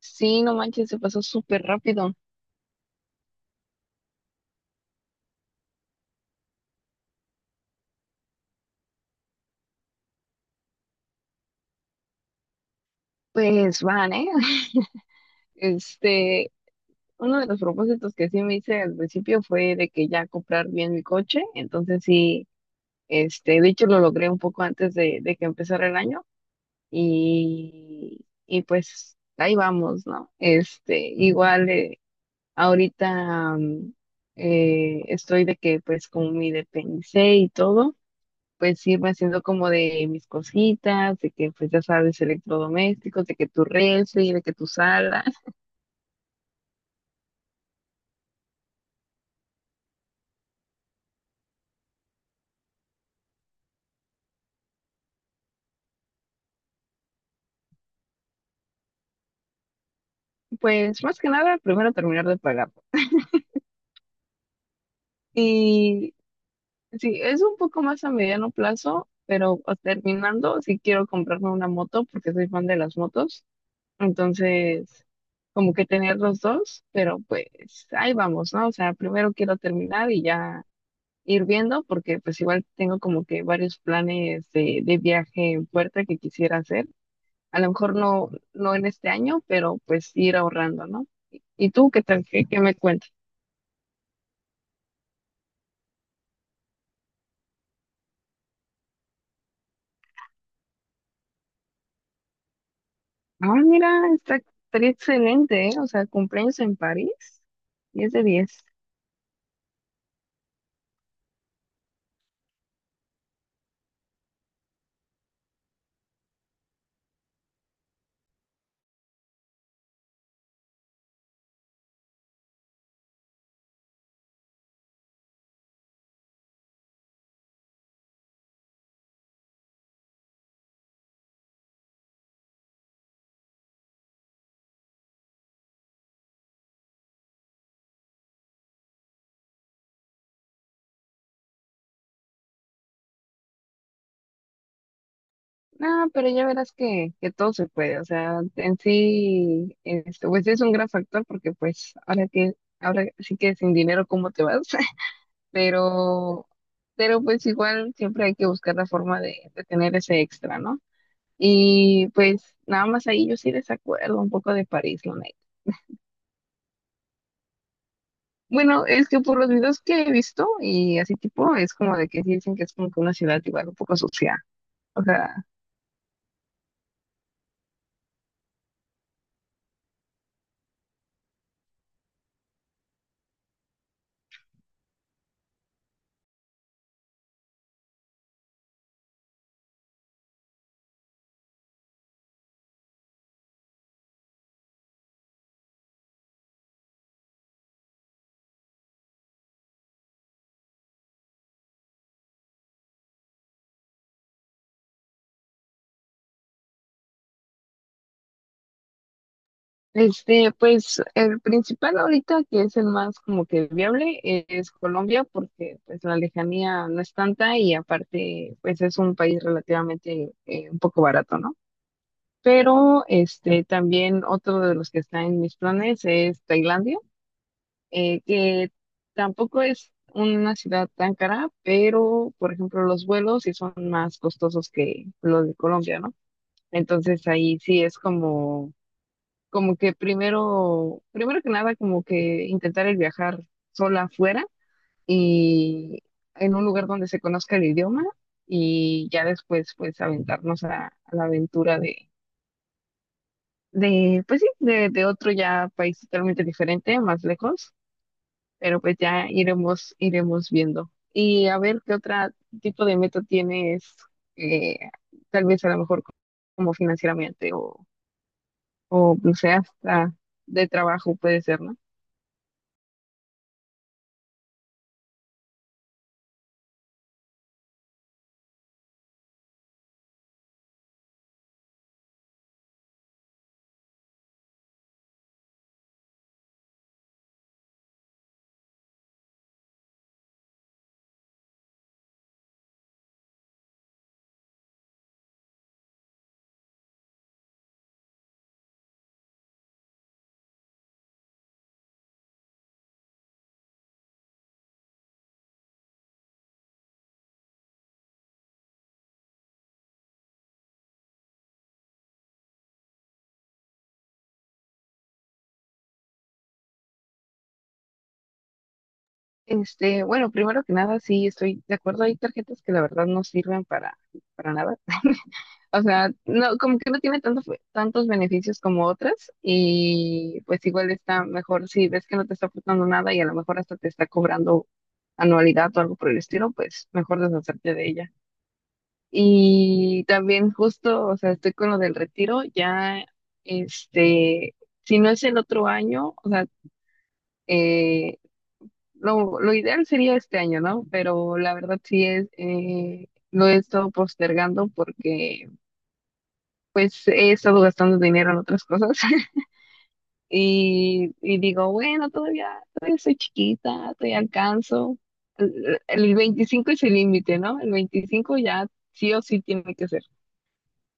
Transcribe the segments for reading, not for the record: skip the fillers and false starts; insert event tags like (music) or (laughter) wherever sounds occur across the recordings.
Sí, no manches, se pasó súper rápido. Pues van, ¿eh? (laughs) Este, uno de los propósitos que sí me hice al principio fue de que ya comprar bien mi coche. Entonces sí, de hecho lo logré un poco antes de que empezara el año. Y pues ahí vamos, ¿no? Este, igual ahorita estoy de que pues como me independicé y todo. Pues irme haciendo como de mis cositas, de que pues ya sabes, electrodomésticos, de que tu refri, de que tu sala. (laughs) Pues más que nada primero terminar de pagar. Y sí, es un poco más a mediano plazo, pero terminando, sí quiero comprarme una moto porque soy fan de las motos. Entonces como que tener los dos, pero pues ahí vamos, ¿no? O sea, primero quiero terminar y ya ir viendo porque pues igual tengo como que varios planes de viaje en puerta que quisiera hacer. A lo mejor no, no en este año, pero pues ir ahorrando, ¿no? ¿Y tú qué tal? ¿Qué me cuentas? Ah, mira, estaría excelente, ¿eh? O sea, cumpleaños en París, 10 de diez. No, pero ya verás que todo se puede. O sea, en sí, pues es un gran factor porque pues ahora sí que sin dinero, ¿cómo te vas? (laughs) Pero, pero pues igual siempre hay que buscar la forma de tener ese extra, ¿no? Y pues nada más ahí yo sí desacuerdo un poco de París, la neta. Bueno, es que por los videos que he visto y así tipo, es como de que sí dicen que es como que una ciudad igual un poco sucia. O sea, pues el principal ahorita que es el más como que viable es Colombia porque pues la lejanía no es tanta, y aparte pues es un país relativamente un poco barato, ¿no? Pero también otro de los que está en mis planes es Tailandia, que tampoco es una ciudad tan cara, pero por ejemplo los vuelos sí son más costosos que los de Colombia, ¿no? Entonces ahí sí es como que primero que nada, como que intentar el viajar sola afuera, y en un lugar donde se conozca el idioma, y ya después pues aventarnos a la aventura de pues sí, de otro ya país totalmente diferente, más lejos, pero pues ya iremos viendo. Y a ver qué otro tipo de meta tienes, eh, tal vez a lo mejor como financieramente o no sé, hasta de trabajo puede ser, ¿no? Bueno, primero que nada, sí, estoy de acuerdo. Hay tarjetas que la verdad no sirven para nada. (laughs) O sea, no, como que no tiene tantos beneficios como otras, y pues igual está mejor si ves que no te está aportando nada y a lo mejor hasta te está cobrando anualidad o algo por el estilo. Pues mejor deshacerte de ella. Y también justo, o sea, estoy con lo del retiro, ya, este, si no es el otro año, o sea, eh, lo ideal sería este año, ¿no? Pero la verdad sí es, lo he estado postergando porque pues he estado gastando dinero en otras cosas. (laughs) Y digo, bueno, todavía soy chiquita, todavía alcanzo. El 25 es el límite, ¿no? El 25 ya sí o sí tiene que ser.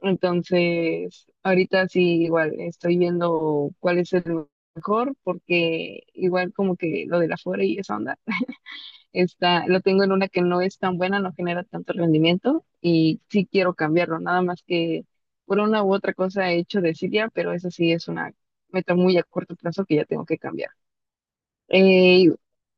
Entonces, ahorita sí igual estoy viendo cuál es el mejor porque igual como que lo de la fuera y esa onda. Lo tengo en una que no es tan buena, no genera tanto rendimiento y sí quiero cambiarlo, nada más que por una u otra cosa he hecho desidia, pero eso sí es una meta muy a corto plazo que ya tengo que cambiar. Eh,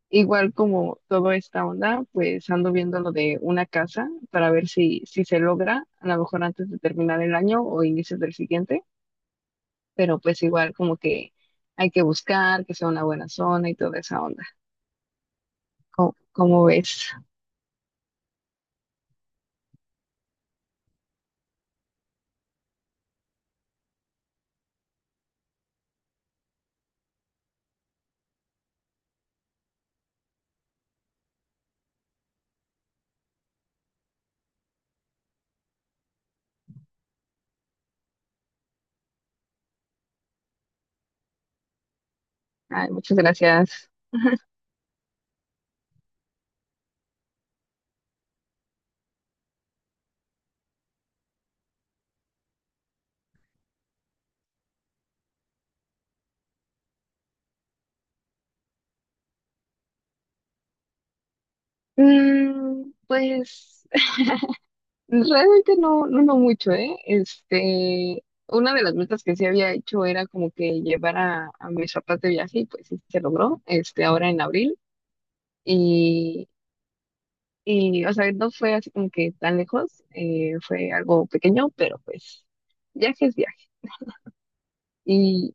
Igual como toda esta onda, pues ando viendo lo de una casa para ver si se logra, a lo mejor antes de terminar el año o inicios del siguiente, pero pues igual como que hay que buscar que sea una buena zona y toda esa onda. Cómo ves? Ay, muchas gracias. Pues (laughs) realmente no, no, no mucho, ¿eh? Una de las metas que sí había hecho era como que llevar a mis papás de viaje, y pues sí se logró, ahora en abril. Y, o sea, no fue así como que tan lejos, fue algo pequeño, pero pues viaje es viaje. Y,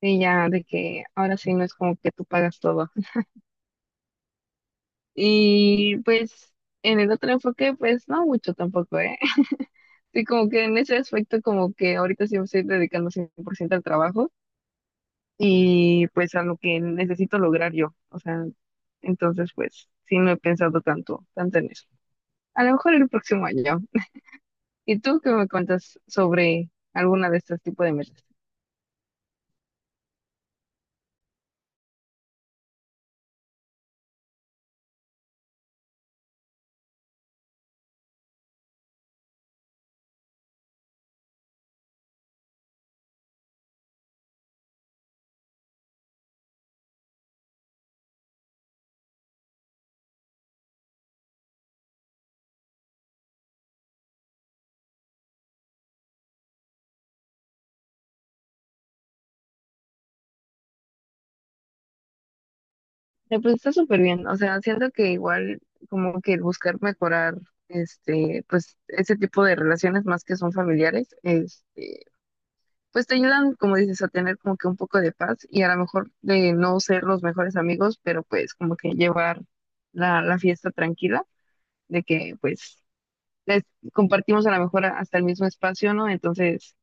y ya de que ahora sí no es como que tú pagas todo. Y pues en el otro enfoque, pues no mucho tampoco, ¿eh? Sí, como que en ese aspecto, como que ahorita sí me estoy dedicando 100% al trabajo y pues a lo que necesito lograr yo. O sea, entonces pues sí no he pensado tanto en eso. A lo mejor el próximo año. ¿Y tú qué me cuentas sobre alguna de estos tipos de metas? Pues está súper bien. O sea, siento que igual como que el buscar mejorar pues ese tipo de relaciones más que son familiares, pues te ayudan, como dices, a tener como que un poco de paz y a lo mejor de no ser los mejores amigos, pero pues como que llevar la fiesta tranquila, de que pues les compartimos a lo mejor hasta el mismo espacio, ¿no? Entonces,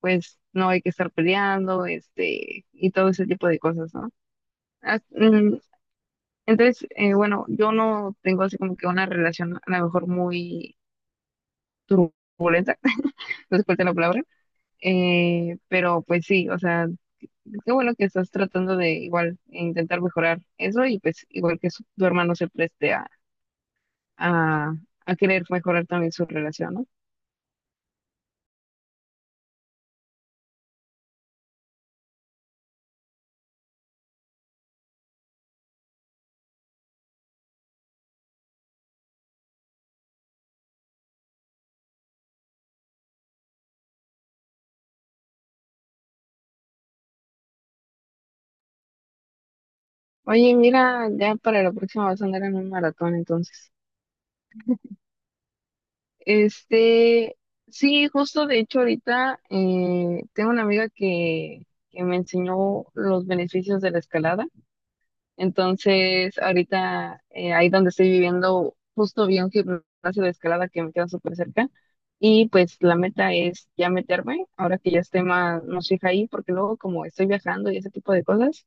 pues no hay que estar peleando, y todo ese tipo de cosas, ¿no? Ah, mm, Entonces, bueno, yo no tengo así como que una relación a lo mejor muy turbulenta, (laughs) no sé cuál es la palabra, pero pues sí, o sea, qué bueno que estás tratando de igual intentar mejorar eso, y pues igual que tu hermano se preste a, a querer mejorar también su relación, ¿no? Oye, mira, ya para la próxima vas a andar en un maratón entonces. Este, sí, justo de hecho ahorita tengo una amiga que me enseñó los beneficios de la escalada. Entonces, ahorita ahí donde estoy viviendo, justo vi un gimnasio de escalada que me queda súper cerca. Y pues la meta es ya meterme, ahora que ya esté más fija ahí, porque luego como estoy viajando y ese tipo de cosas,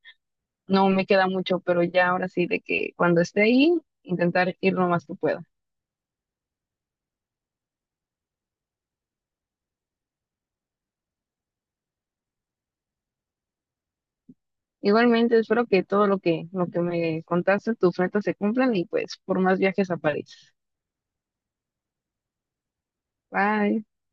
no me queda mucho, pero ya ahora sí de que cuando esté ahí, intentar ir lo más que pueda. Igualmente, espero que todo lo que me contaste, tus metas se cumplan y pues por más viajes a París. Bye.